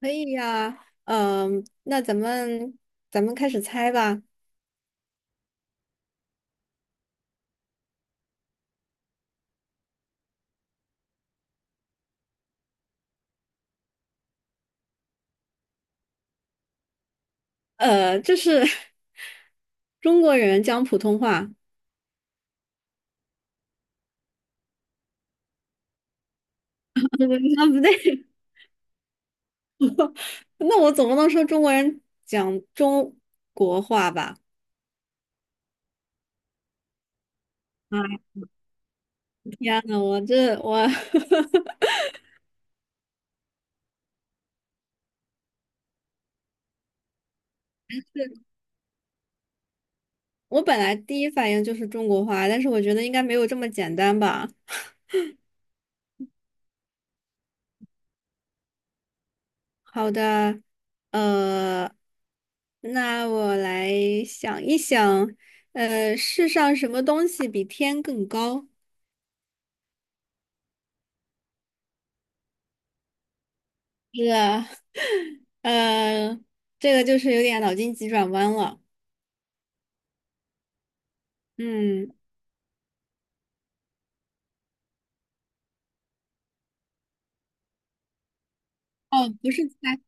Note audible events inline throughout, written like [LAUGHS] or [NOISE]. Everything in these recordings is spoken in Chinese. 可以呀，嗯，那咱们开始猜吧。呃，就是 [LAUGHS] 中国人讲普通话，不对，啊不对，[LAUGHS] 那我总不能说中国人讲中国话吧？啊，天呐，我 [LAUGHS] 我本来第一反应就是中国话，但是我觉得应该没有这么简单吧。好的，呃，那我来想一想，呃，世上什么东西比天更高？是啊，呃，这个就是有点脑筋急转弯了。嗯，哦，不是猜，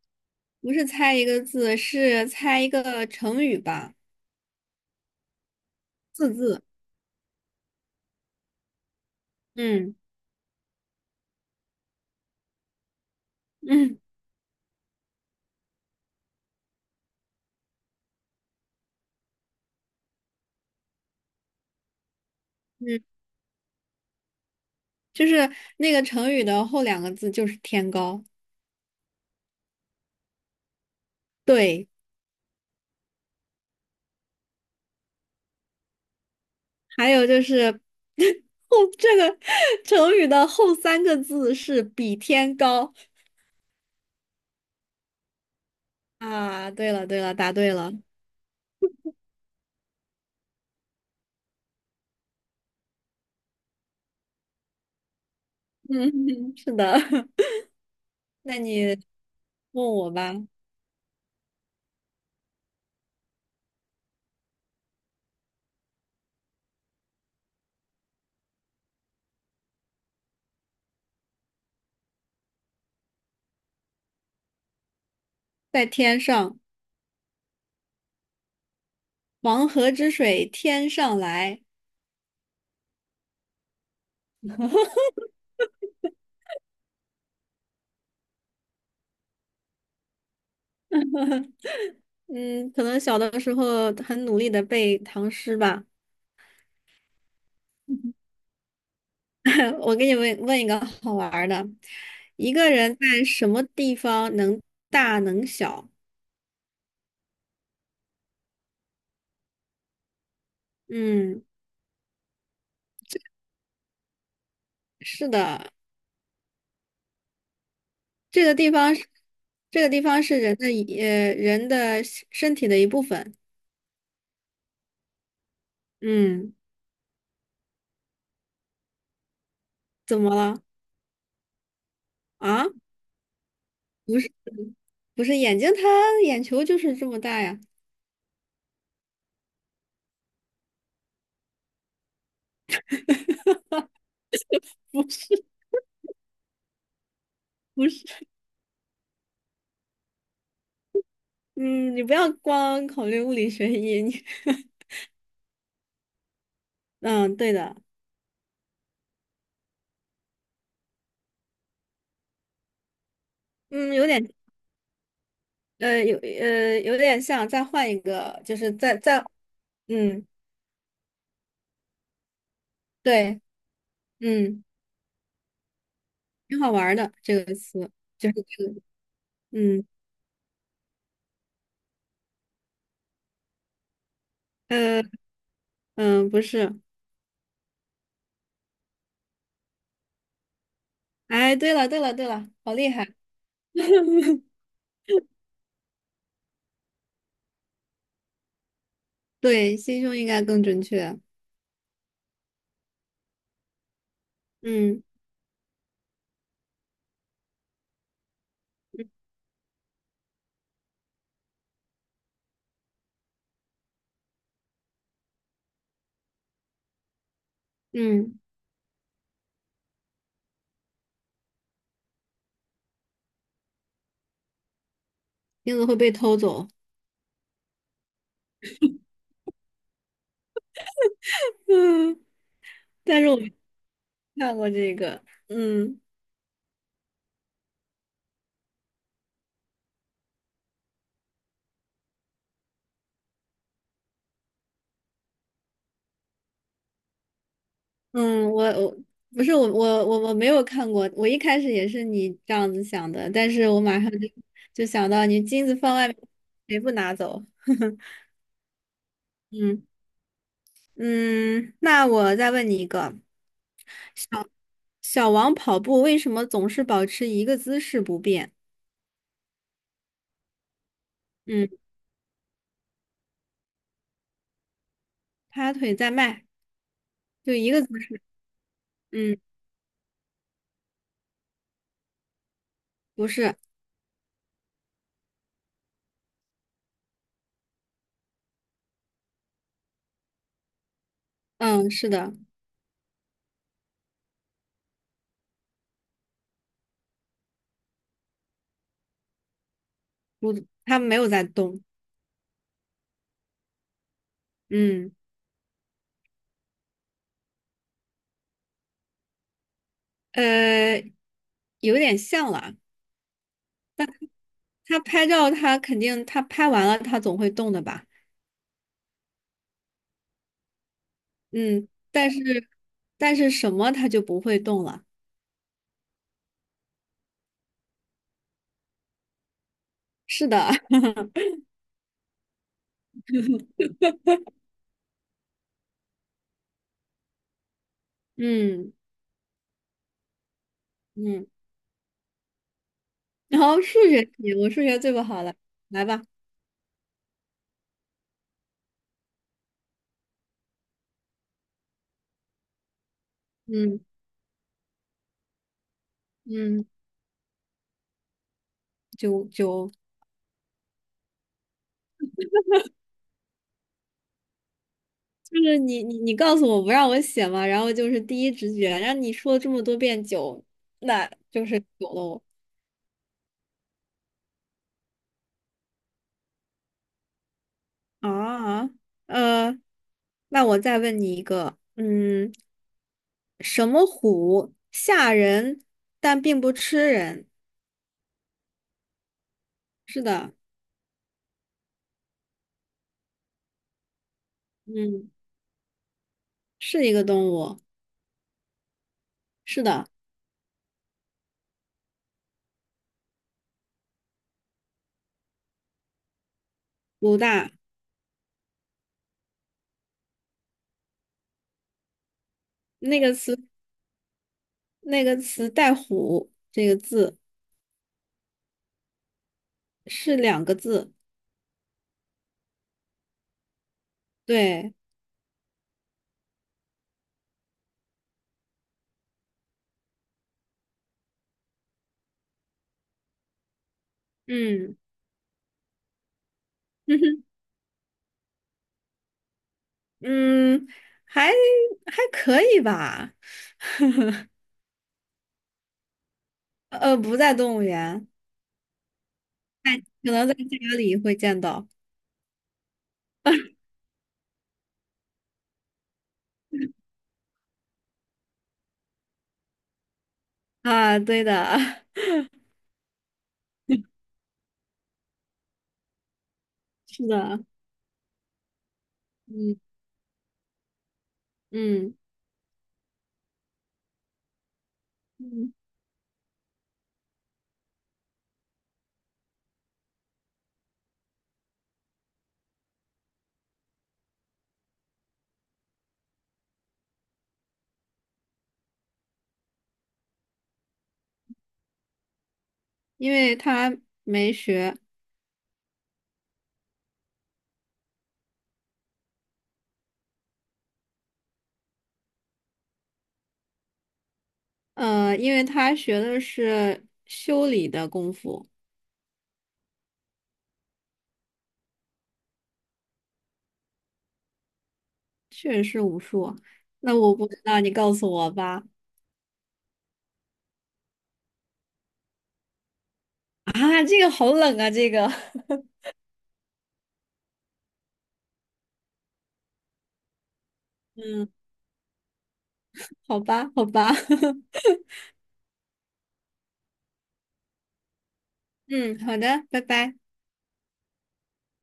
不是猜一个字，是猜一个成语吧？四字。嗯。嗯 [LAUGHS] 嗯，就是那个成语的后两个字就是天高。对，还有就是 [LAUGHS] 后这个成语的后三个字是比天高。啊，对了对了，答对了。嗯，[LAUGHS] 是的。[LAUGHS] 那你问我吧。在天上。“黄河之水天上来”。嗯，可能小的时候很努力的背唐诗吧。[LAUGHS] 我给你问一个好玩儿的：一个人在什么地方能大能小？嗯，是的，这个地方是这个地方是人的一，呃人的身体的一部分。嗯，怎么了？啊，不是，不是眼睛它，眼球就是这么大呀。不是，嗯，你不要光考虑物理学意，你 [LAUGHS] 嗯，对的，嗯，有点，有点像，再换一个，就是再，嗯，对，嗯，挺好玩儿的这个词，就是这个，嗯，呃，嗯，不是，哎，对了，对了，对了，好厉害，[LAUGHS] 对，心胸应该更准确，嗯。嗯，钉子会被偷走，[LAUGHS] 嗯，但是我没看过这个，嗯。嗯，我不是我没有看过，我一开始也是你这样子想的，但是我马上就就想到你金子放外面，谁不拿走？[LAUGHS] 嗯。嗯，那我再问你一个，小小王跑步为什么总是保持一个姿势不变？嗯，他腿在迈，就一个姿势。嗯，不是，嗯，是的，不，他没有在动。嗯，呃，有点像了。他拍照，他肯定他拍完了，他总会动的吧？嗯，但是但是什么他就不会动了。是的，[LAUGHS] 嗯。嗯。然后数学题，我数学最不好了，来吧，嗯。嗯，九九，就是你告诉我不让我写嘛，然后就是第一直觉，让你说了这么多遍九，那就是九喽。啊，啊，呃，那我再问你一个，嗯。什么虎吓人，但并不吃人。是的，嗯，是一个动物。是的，鲁大那个词，那个词带“虎”这个字是两个字。对，嗯，[LAUGHS] 嗯。还还可以吧。呃，呃不在动物园，可能在家里会见到。啊，对的，[LAUGHS] 是的，嗯。嗯。嗯，因为他没学。呃，因为他学的是修理的功夫，确实是武术。那我不知道，你告诉我吧。啊，这个好冷啊，这个。[LAUGHS] 嗯，好吧，好吧。[LAUGHS] 嗯，好的，拜拜。